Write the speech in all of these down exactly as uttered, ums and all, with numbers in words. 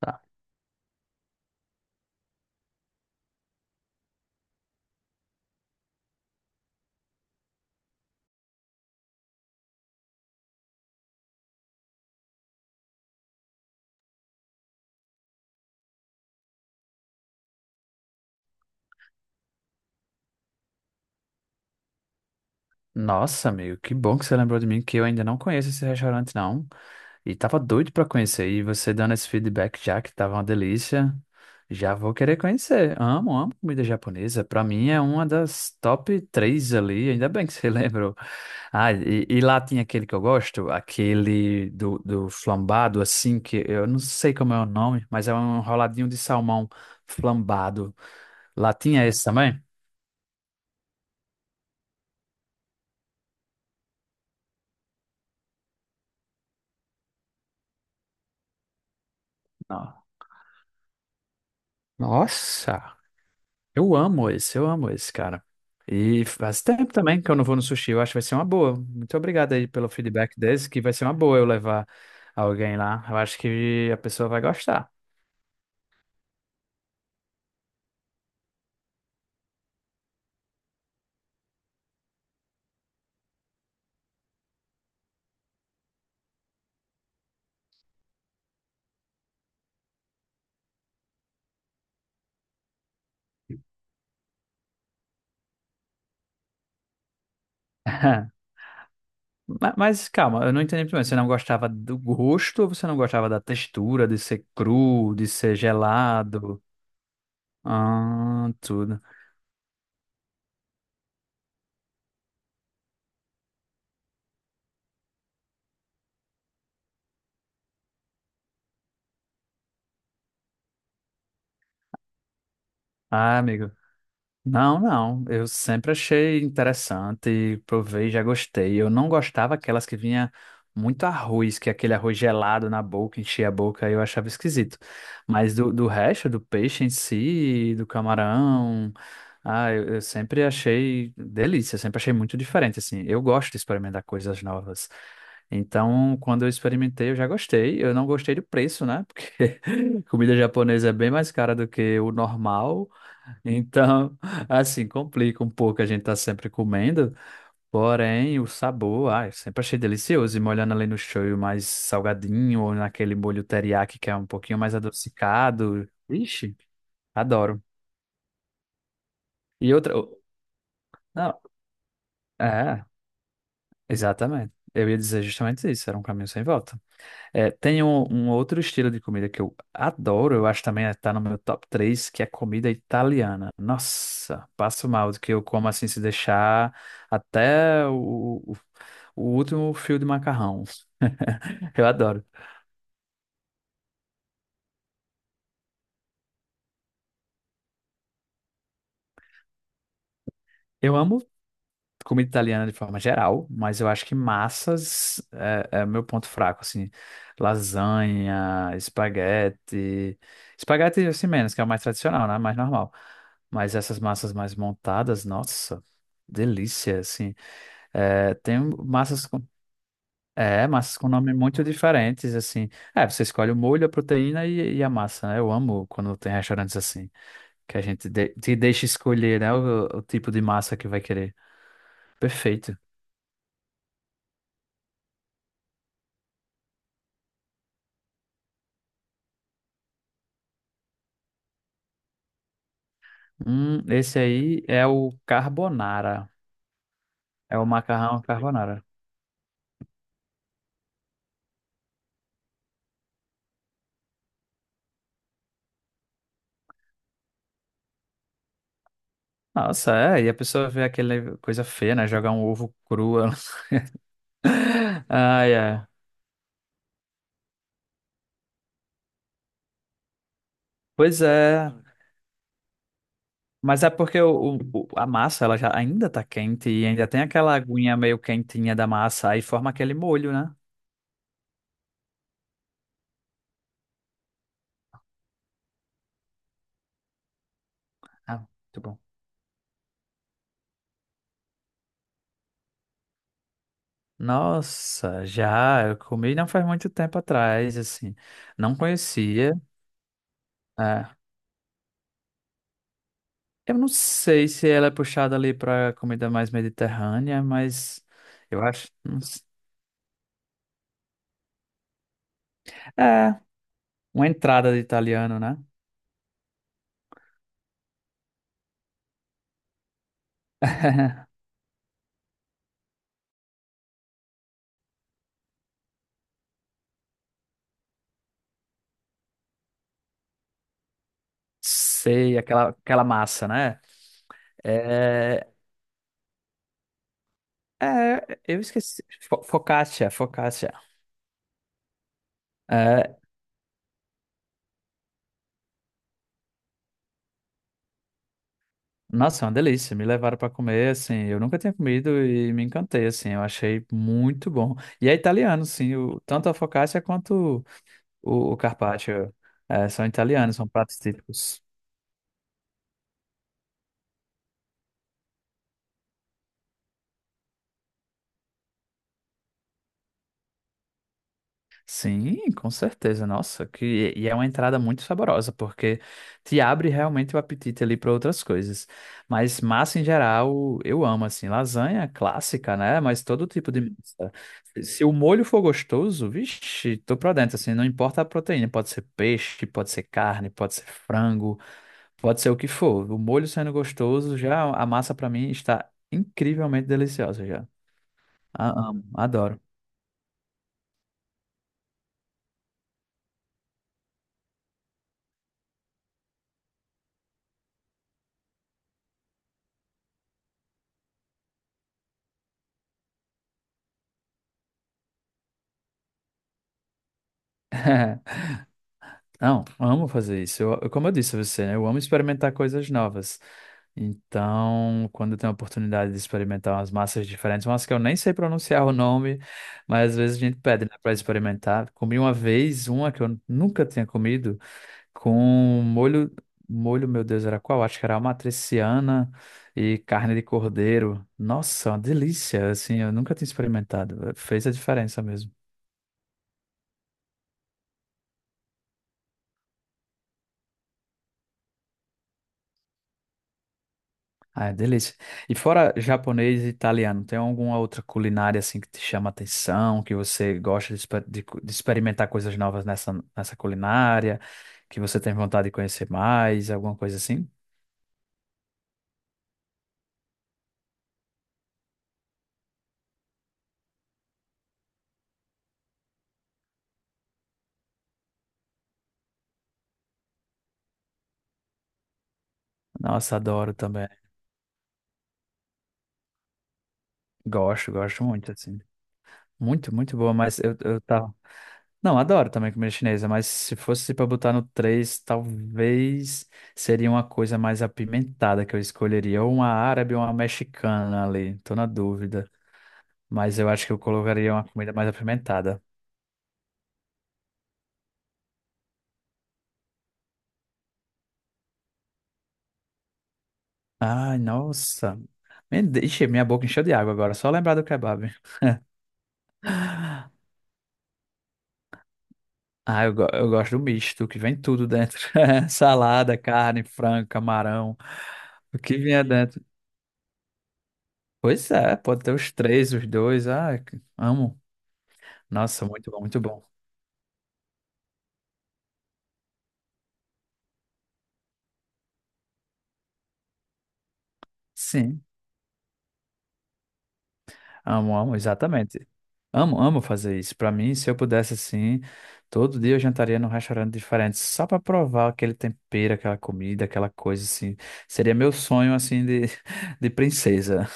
Tá. Nossa, amigo, que bom que você lembrou de mim, que eu ainda não conheço esse restaurante, não. E tava doido pra conhecer. E você dando esse feedback já, que tava uma delícia, já vou querer conhecer. Amo, amo comida japonesa. Pra mim é uma das top três ali. Ainda bem que você lembrou. Ah, e, e lá tinha aquele que eu gosto, aquele do, do flambado, assim, que eu não sei como é o nome, mas é um enroladinho de salmão flambado. Lá tinha esse também? Não. Nossa! Eu amo esse, eu amo esse, cara. E faz tempo também que eu não vou no sushi. Eu acho que vai ser uma boa. Muito obrigado aí pelo feedback desse, que vai ser uma boa eu levar alguém lá. Eu acho que a pessoa vai gostar. Ma- Mas calma, eu não entendi muito bem. Você não gostava do gosto ou você não gostava da textura, de ser cru, de ser gelado? Ah, tudo. Ah, amigo. Não, não. Eu sempre achei interessante, provei, já gostei. Eu não gostava aquelas que vinha muito arroz, que é aquele arroz gelado na boca, enchia a boca, eu achava esquisito. Mas do, do resto, do peixe em si, do camarão, ah, eu, eu sempre achei delícia, sempre achei muito diferente, assim. Eu gosto de experimentar coisas novas. Então, quando eu experimentei, eu já gostei. Eu não gostei do preço, né? Porque comida japonesa é bem mais cara do que o normal. Então, assim, complica um pouco, a gente tá sempre comendo, porém o sabor, ai, eu sempre achei delicioso, e molhando ali no shoyu mais salgadinho, ou naquele molho teriyaki que é um pouquinho mais adocicado, ixi, adoro. E outra, o- não, é, exatamente, eu ia dizer justamente isso, era um caminho sem volta. É, tem um, um outro estilo de comida que eu adoro, eu acho também está no meu top três que é comida italiana. Nossa, passo mal do que eu como assim se deixar até o, o, o último fio de macarrão. Eu adoro. Eu amo comida italiana de forma geral, mas eu acho que massas é, é meu ponto fraco, assim, lasanha, espaguete, espaguete assim menos, que é o mais tradicional, né, mais normal, mas essas massas mais montadas, nossa, delícia, assim, é, tem massas com, é, massas com nome muito diferentes, assim, é, você escolhe o molho, a proteína e, e a massa, né, eu amo quando tem restaurantes assim, que a gente de- te deixa escolher, né, o o tipo de massa que vai querer, perfeito. Hum, esse aí é o carbonara. É o macarrão carbonara. Nossa, é. E a pessoa vê aquela coisa feia, né? Jogar um ovo cru. Ai, é. Pois é. Mas é porque o, o- o- a massa ela já ainda tá quente e ainda tem aquela aguinha meio quentinha da massa. Aí forma aquele molho, né? Ah, muito bom. Nossa, já. Eu comi não faz muito tempo atrás, assim. Não conhecia. É. Eu não sei se ela é puxada ali pra comida mais mediterrânea, mas eu acho. Não s- É, uma entrada de italiano, né? Sei, aquela, aquela massa, né? É, é, eu esqueci. Fo- Focaccia, focaccia. É, nossa, é uma delícia. Me levaram para comer, assim. Eu nunca tinha comido e me encantei, assim. Eu achei muito bom. E é italiano, sim. O, tanto a focaccia quanto o, o carpaccio, é, são italianos, são pratos típicos. Sim, com certeza. Nossa, que e é uma entrada muito saborosa, porque te abre realmente o apetite ali para outras coisas. Mas massa em geral, eu amo assim, lasanha clássica, né? Mas todo tipo de massa. Se o molho for gostoso, vixe, tô pra dentro assim, não importa a proteína, pode ser peixe, pode ser carne, pode ser frango, pode ser o que for. O molho sendo gostoso, já a massa pra mim está incrivelmente deliciosa já. A- Amo, adoro. Não, amo fazer isso. Eu, eu- como eu disse a você, né, eu amo experimentar coisas novas. Então, quando eu tenho a oportunidade de experimentar umas massas diferentes, umas que eu nem sei pronunciar o nome, mas às vezes a gente pede, né, para experimentar. Comi uma vez uma que eu nunca tinha comido com molho, molho, meu Deus, era qual? Acho que era amatriciana e carne de cordeiro. Nossa, uma delícia, assim, eu nunca tinha experimentado. Fez a diferença mesmo. Ah, é delícia. E fora japonês e italiano, tem alguma outra culinária assim que te chama a atenção, que você gosta de, exper- de cu- de experimentar coisas novas nessa, nessa culinária, que você tem vontade de conhecer mais, alguma coisa assim? Nossa, adoro também. Gosto, gosto muito, assim. Muito, muito boa, mas eu, eu tava... Não, adoro também comida chinesa, mas se fosse pra botar no três, talvez seria uma coisa mais apimentada que eu escolheria, ou uma árabe ou uma mexicana ali, tô na dúvida. Mas eu acho que eu colocaria uma comida mais apimentada. Ai, nossa. Me deixa, minha boca encheu de água agora, só lembrar do kebab. Ah, eu, go- eu gosto do misto, que vem tudo dentro. Salada, carne, frango, camarão, o que vinha dentro. Pois é, pode ter os três, os dois. Ah, que- amo. Nossa, muito bom, muito bom. Sim. Amo, amo, exatamente. Amo, amo fazer isso. Pra mim, se eu pudesse assim, todo dia eu jantaria num restaurante diferente, só pra provar aquele tempero, aquela comida, aquela coisa assim. Seria meu sonho assim de, de princesa.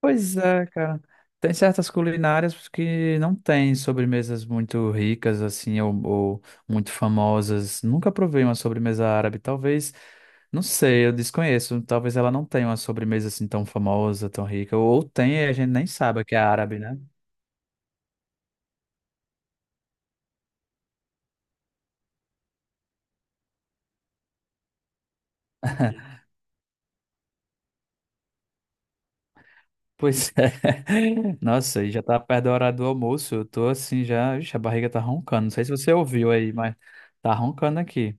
Pois é, cara. Tem certas culinárias que não têm sobremesas muito ricas, assim, ou, ou muito famosas. Nunca provei uma sobremesa árabe. Talvez, não sei, eu desconheço. Talvez ela não tenha uma sobremesa assim tão famosa, tão rica. Ou tem, e a gente nem sabe que é árabe, né? Pois é. Nossa, e já tá perto da hora do almoço. Eu tô assim já. Ixi, a barriga tá roncando. Não sei se você ouviu aí, mas tá roncando aqui.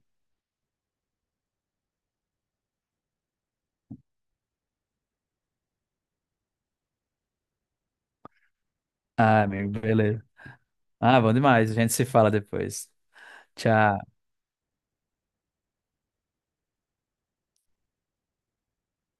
Ah, amigo, beleza. Ah, bom demais. A gente se fala depois. Tchau.